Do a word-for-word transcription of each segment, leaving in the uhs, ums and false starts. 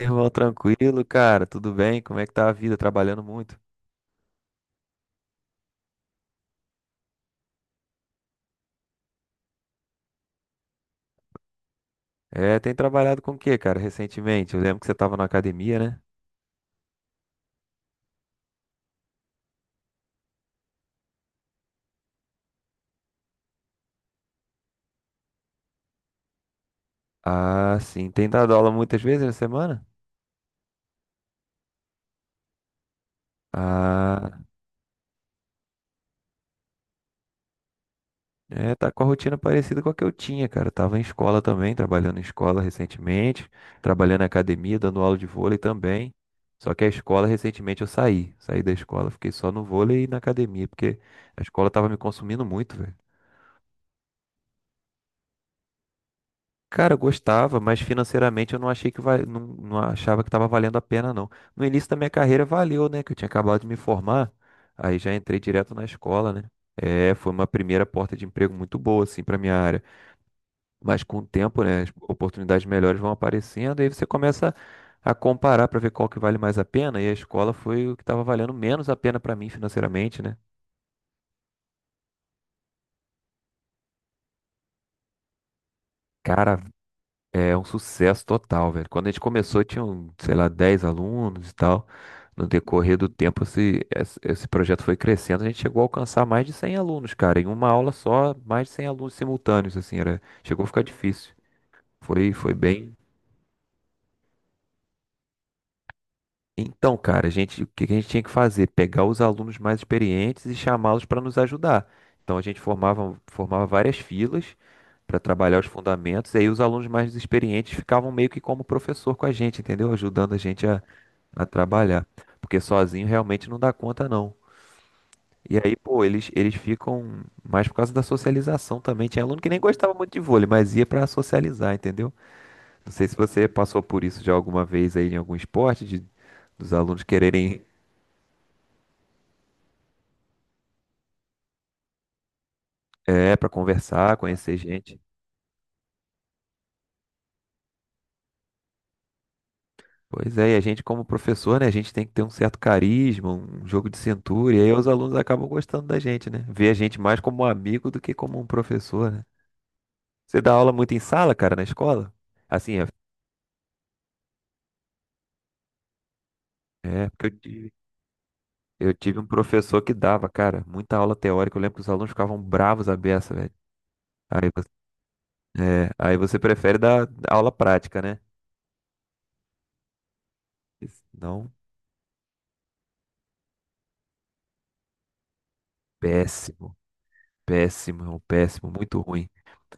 Irmão, tranquilo, cara? Tudo bem? Como é que tá a vida? Trabalhando muito? É, tem trabalhado com o quê, cara, recentemente? Eu lembro que você tava na academia, né? Ah, sim. Tem dado aula muitas vezes na semana? Ah, é, tá com a rotina parecida com a que eu tinha, cara. Eu tava em escola também, trabalhando em escola recentemente, trabalhando na academia, dando aula de vôlei também. Só que a escola, recentemente, eu saí. Saí da escola, fiquei só no vôlei e na academia, porque a escola tava me consumindo muito, velho. Cara, eu gostava, mas financeiramente eu não achei que vai, não, não achava que estava valendo a pena, não. No início da minha carreira valeu, né? Que eu tinha acabado de me formar, aí já entrei direto na escola, né? É, foi uma primeira porta de emprego muito boa, assim, para minha área. Mas com o tempo, né, as oportunidades melhores vão aparecendo, aí você começa a comparar para ver qual que vale mais a pena, e a escola foi o que estava valendo menos a pena para mim financeiramente, né? Cara, é um sucesso total, velho. Quando a gente começou, tinham, sei lá, dez alunos e tal. No decorrer do tempo, esse, esse esse projeto foi crescendo. A gente chegou a alcançar mais de cem alunos, cara. Em uma aula só, mais de cem alunos simultâneos, assim, era, chegou a ficar difícil. Foi, foi bem. Então, cara, a gente, o que que a gente tinha que fazer? Pegar os alunos mais experientes e chamá-los para nos ajudar. Então, a gente formava, formava várias filas para trabalhar os fundamentos, e aí os alunos mais experientes ficavam meio que como professor com a gente, entendeu? Ajudando a gente a a trabalhar, porque sozinho realmente não dá conta não. E aí, pô, eles, eles ficam mais por causa da socialização também. Tinha aluno que nem gostava muito de vôlei, mas ia pra socializar, entendeu? Não sei se você passou por isso já alguma vez aí em algum esporte, de, dos alunos quererem, é, para conversar, conhecer gente. Pois é, e a gente como professor, né, a gente tem que ter um certo carisma, um jogo de cintura, e aí os alunos acabam gostando da gente, né? Vê a gente mais como um amigo do que como um professor, né? Você dá aula muito em sala, cara, na escola? Assim, é, é, porque eu tive, eu tive um professor que dava, cara, muita aula teórica. Eu lembro que os alunos ficavam bravos à beça, velho. Aí você, é, aí você prefere dar aula prática, né? Não, péssimo, péssimo, é um péssimo, muito ruim.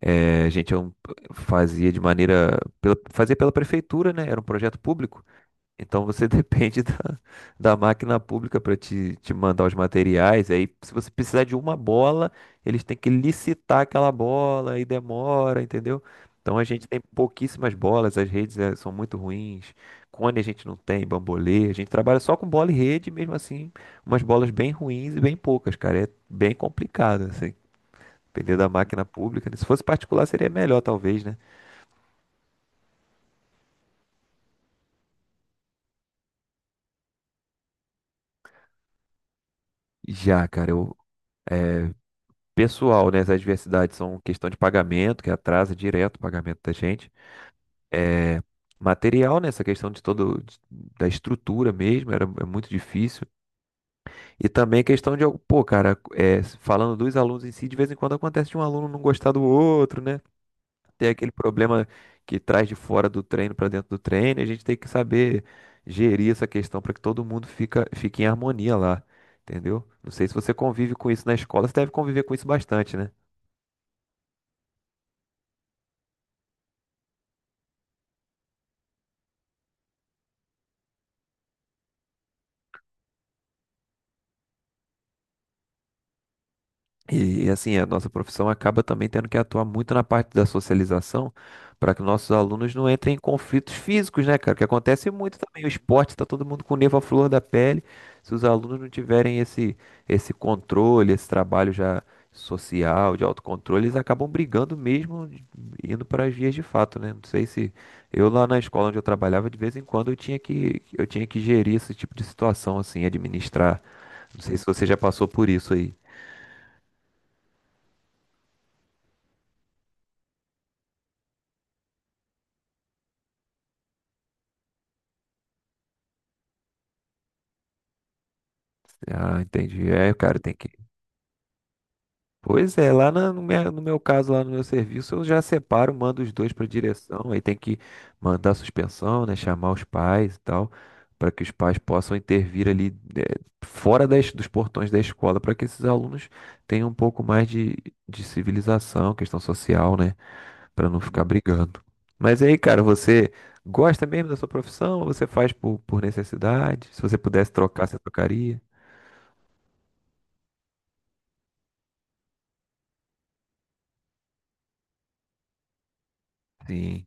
É, a gente é um- fazia de maneira, pela, fazia pela prefeitura, né? Era um projeto público. Então você depende da, da máquina pública para te, te mandar os materiais. Aí, se você precisar de uma bola, eles têm que licitar aquela bola e demora, entendeu? Então a gente tem pouquíssimas bolas, as redes eh, são muito ruins. Cone a gente não tem, bambolê. A gente trabalha só com bola e rede, mesmo assim, umas bolas bem ruins e bem poucas, cara. É bem complicado, assim. Depender da máquina pública, né? Se fosse particular, seria melhor, talvez, né? Já, cara, eu. Pessoal, né? As adversidades são questão de pagamento, que atrasa direto o pagamento da gente. É, material, né? Essa questão de todo de- da estrutura mesmo, era é muito difícil. E também a questão de, algo- pô, cara, é, falando dos alunos em si, de vez em quando acontece de um aluno não gostar do outro, né? Tem aquele problema que traz de fora do treino para dentro do treino, e a gente tem que saber gerir essa questão para que todo mundo fica, fique em harmonia lá, entendeu? Não sei se você convive com isso na escola, você deve conviver com isso bastante, né? E, e, assim, a nossa profissão acaba também tendo que atuar muito na parte da socialização para que nossos alunos não entrem em conflitos físicos, né, cara? Que acontece muito também. O esporte tá todo mundo com o nervo à flor da pele. Se os alunos não tiverem esse, esse controle, esse trabalho já social, de autocontrole, eles acabam brigando mesmo, indo para as vias de fato, né? Não sei se eu lá na escola onde eu trabalhava, de vez em quando eu tinha que eu tinha que gerir esse tipo de situação assim, administrar. Não sei se você já passou por isso aí. Ah, entendi. É, o cara tem que. Pois é, lá na- no meu, no meu caso, lá no meu serviço, eu já separo, mando os dois para direção, aí tem que mandar suspensão, né, chamar os pais e tal, para que os pais possam intervir ali, né, fora das, dos portões da escola, para que esses alunos tenham um pouco mais de, de civilização, questão social, né, para não ficar brigando. Mas aí, cara, você gosta mesmo da sua profissão ou você faz por, por necessidade? Se você pudesse trocar, você trocaria? Sim.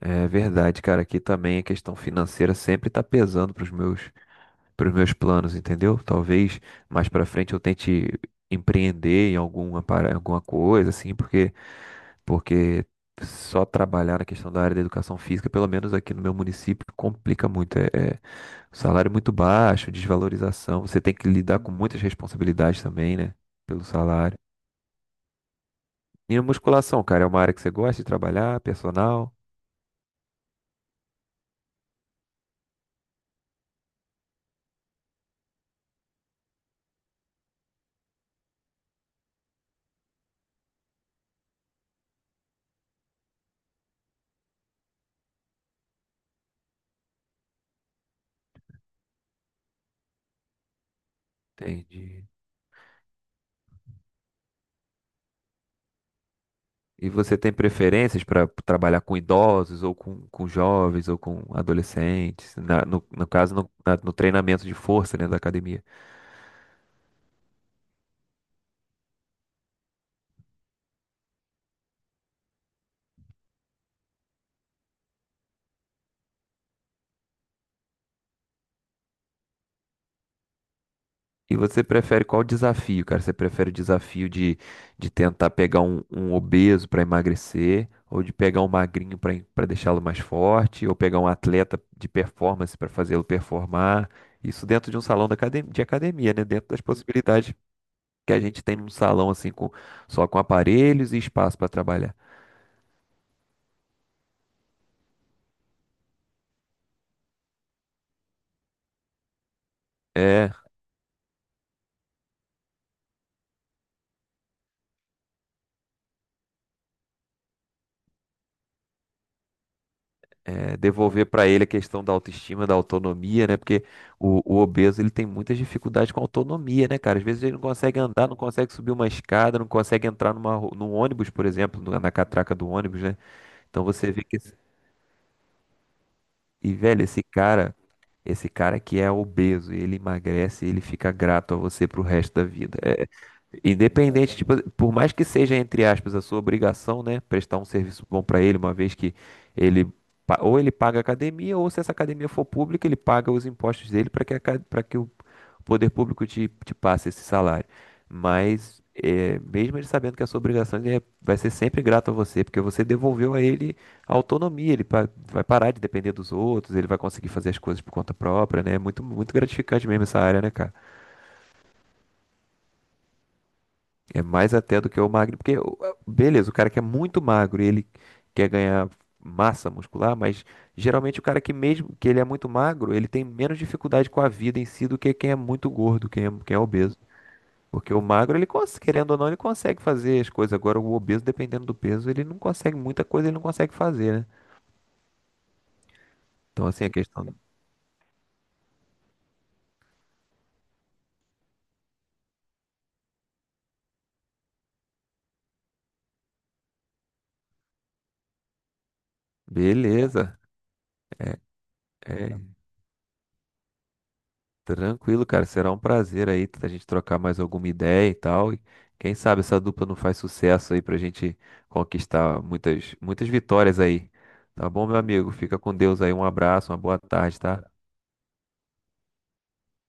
É verdade, cara. Aqui também a questão financeira sempre tá pesando para os meus, pros meus planos, entendeu? Talvez mais para frente eu tente empreender em alguma, para- alguma coisa, assim, porque, porque só trabalhar na questão da área da educação física, pelo menos aqui no meu município, complica muito. É, é salário muito baixo, desvalorização. Você tem que lidar com muitas responsabilidades também, né? Pelo salário. E a musculação, cara, é uma área que você gosta de trabalhar, personal? Entendi. E você tem preferências para trabalhar com idosos, ou com, com jovens, ou com adolescentes, na- no, no caso, no, na- no treinamento de força, né, da academia. E você prefere qual desafio, cara? Você prefere o desafio de, de tentar pegar um, um obeso para emagrecer, ou de pegar um magrinho para para deixá-lo mais forte, ou pegar um atleta de performance para fazê-lo performar? Isso dentro de um salão da academ- de academia, né? Dentro das possibilidades que a gente tem num salão assim, com, só com aparelhos e espaço para trabalhar. É, é, devolver para ele a questão da autoestima, da autonomia, né? Porque o, o obeso ele tem muitas dificuldades com autonomia, né, cara? Às vezes ele não consegue andar, não consegue subir uma escada, não consegue entrar numa, ru- num ônibus, por exemplo, no- na catraca do ônibus, né? Então você vê que e, velho, esse cara, esse cara que é obeso, ele emagrece e ele fica grato a você pro resto da vida. É, independente, tipo, por mais que seja, entre aspas, a sua obrigação, né? Prestar um serviço bom pra ele, uma vez que ele, pa- ou ele paga a academia, ou se essa academia for pública, ele paga os impostos dele para que, a ca- pra que o poder público te, te passe esse salário. Mas, é, mesmo ele sabendo que a sua obrigação, ele é- vai ser sempre grato a você, porque você devolveu a ele a autonomia, ele pa- vai parar de depender dos outros, ele vai conseguir fazer as coisas por conta própria, né? É muito, muito gratificante mesmo essa área, né, cara? É mais até do que o magro, porque, o- beleza, o cara que é muito magro e ele quer ganhar massa muscular, mas geralmente o cara que mesmo que ele é muito magro, ele tem menos dificuldade com a vida em si do que quem é muito gordo, quem é, quem é obeso. Porque o magro, ele cons- querendo ou não, ele consegue fazer as coisas. Agora, o obeso, dependendo do peso, ele não consegue, muita coisa ele não consegue fazer, né? Então, assim, a questão. Beleza. É, é. Tranquilo, cara. Será um prazer aí a gente trocar mais alguma ideia e tal. E quem sabe essa dupla não faz sucesso aí pra gente conquistar muitas, muitas vitórias aí. Tá bom, meu amigo? Fica com Deus aí. Um abraço, uma boa tarde, tá?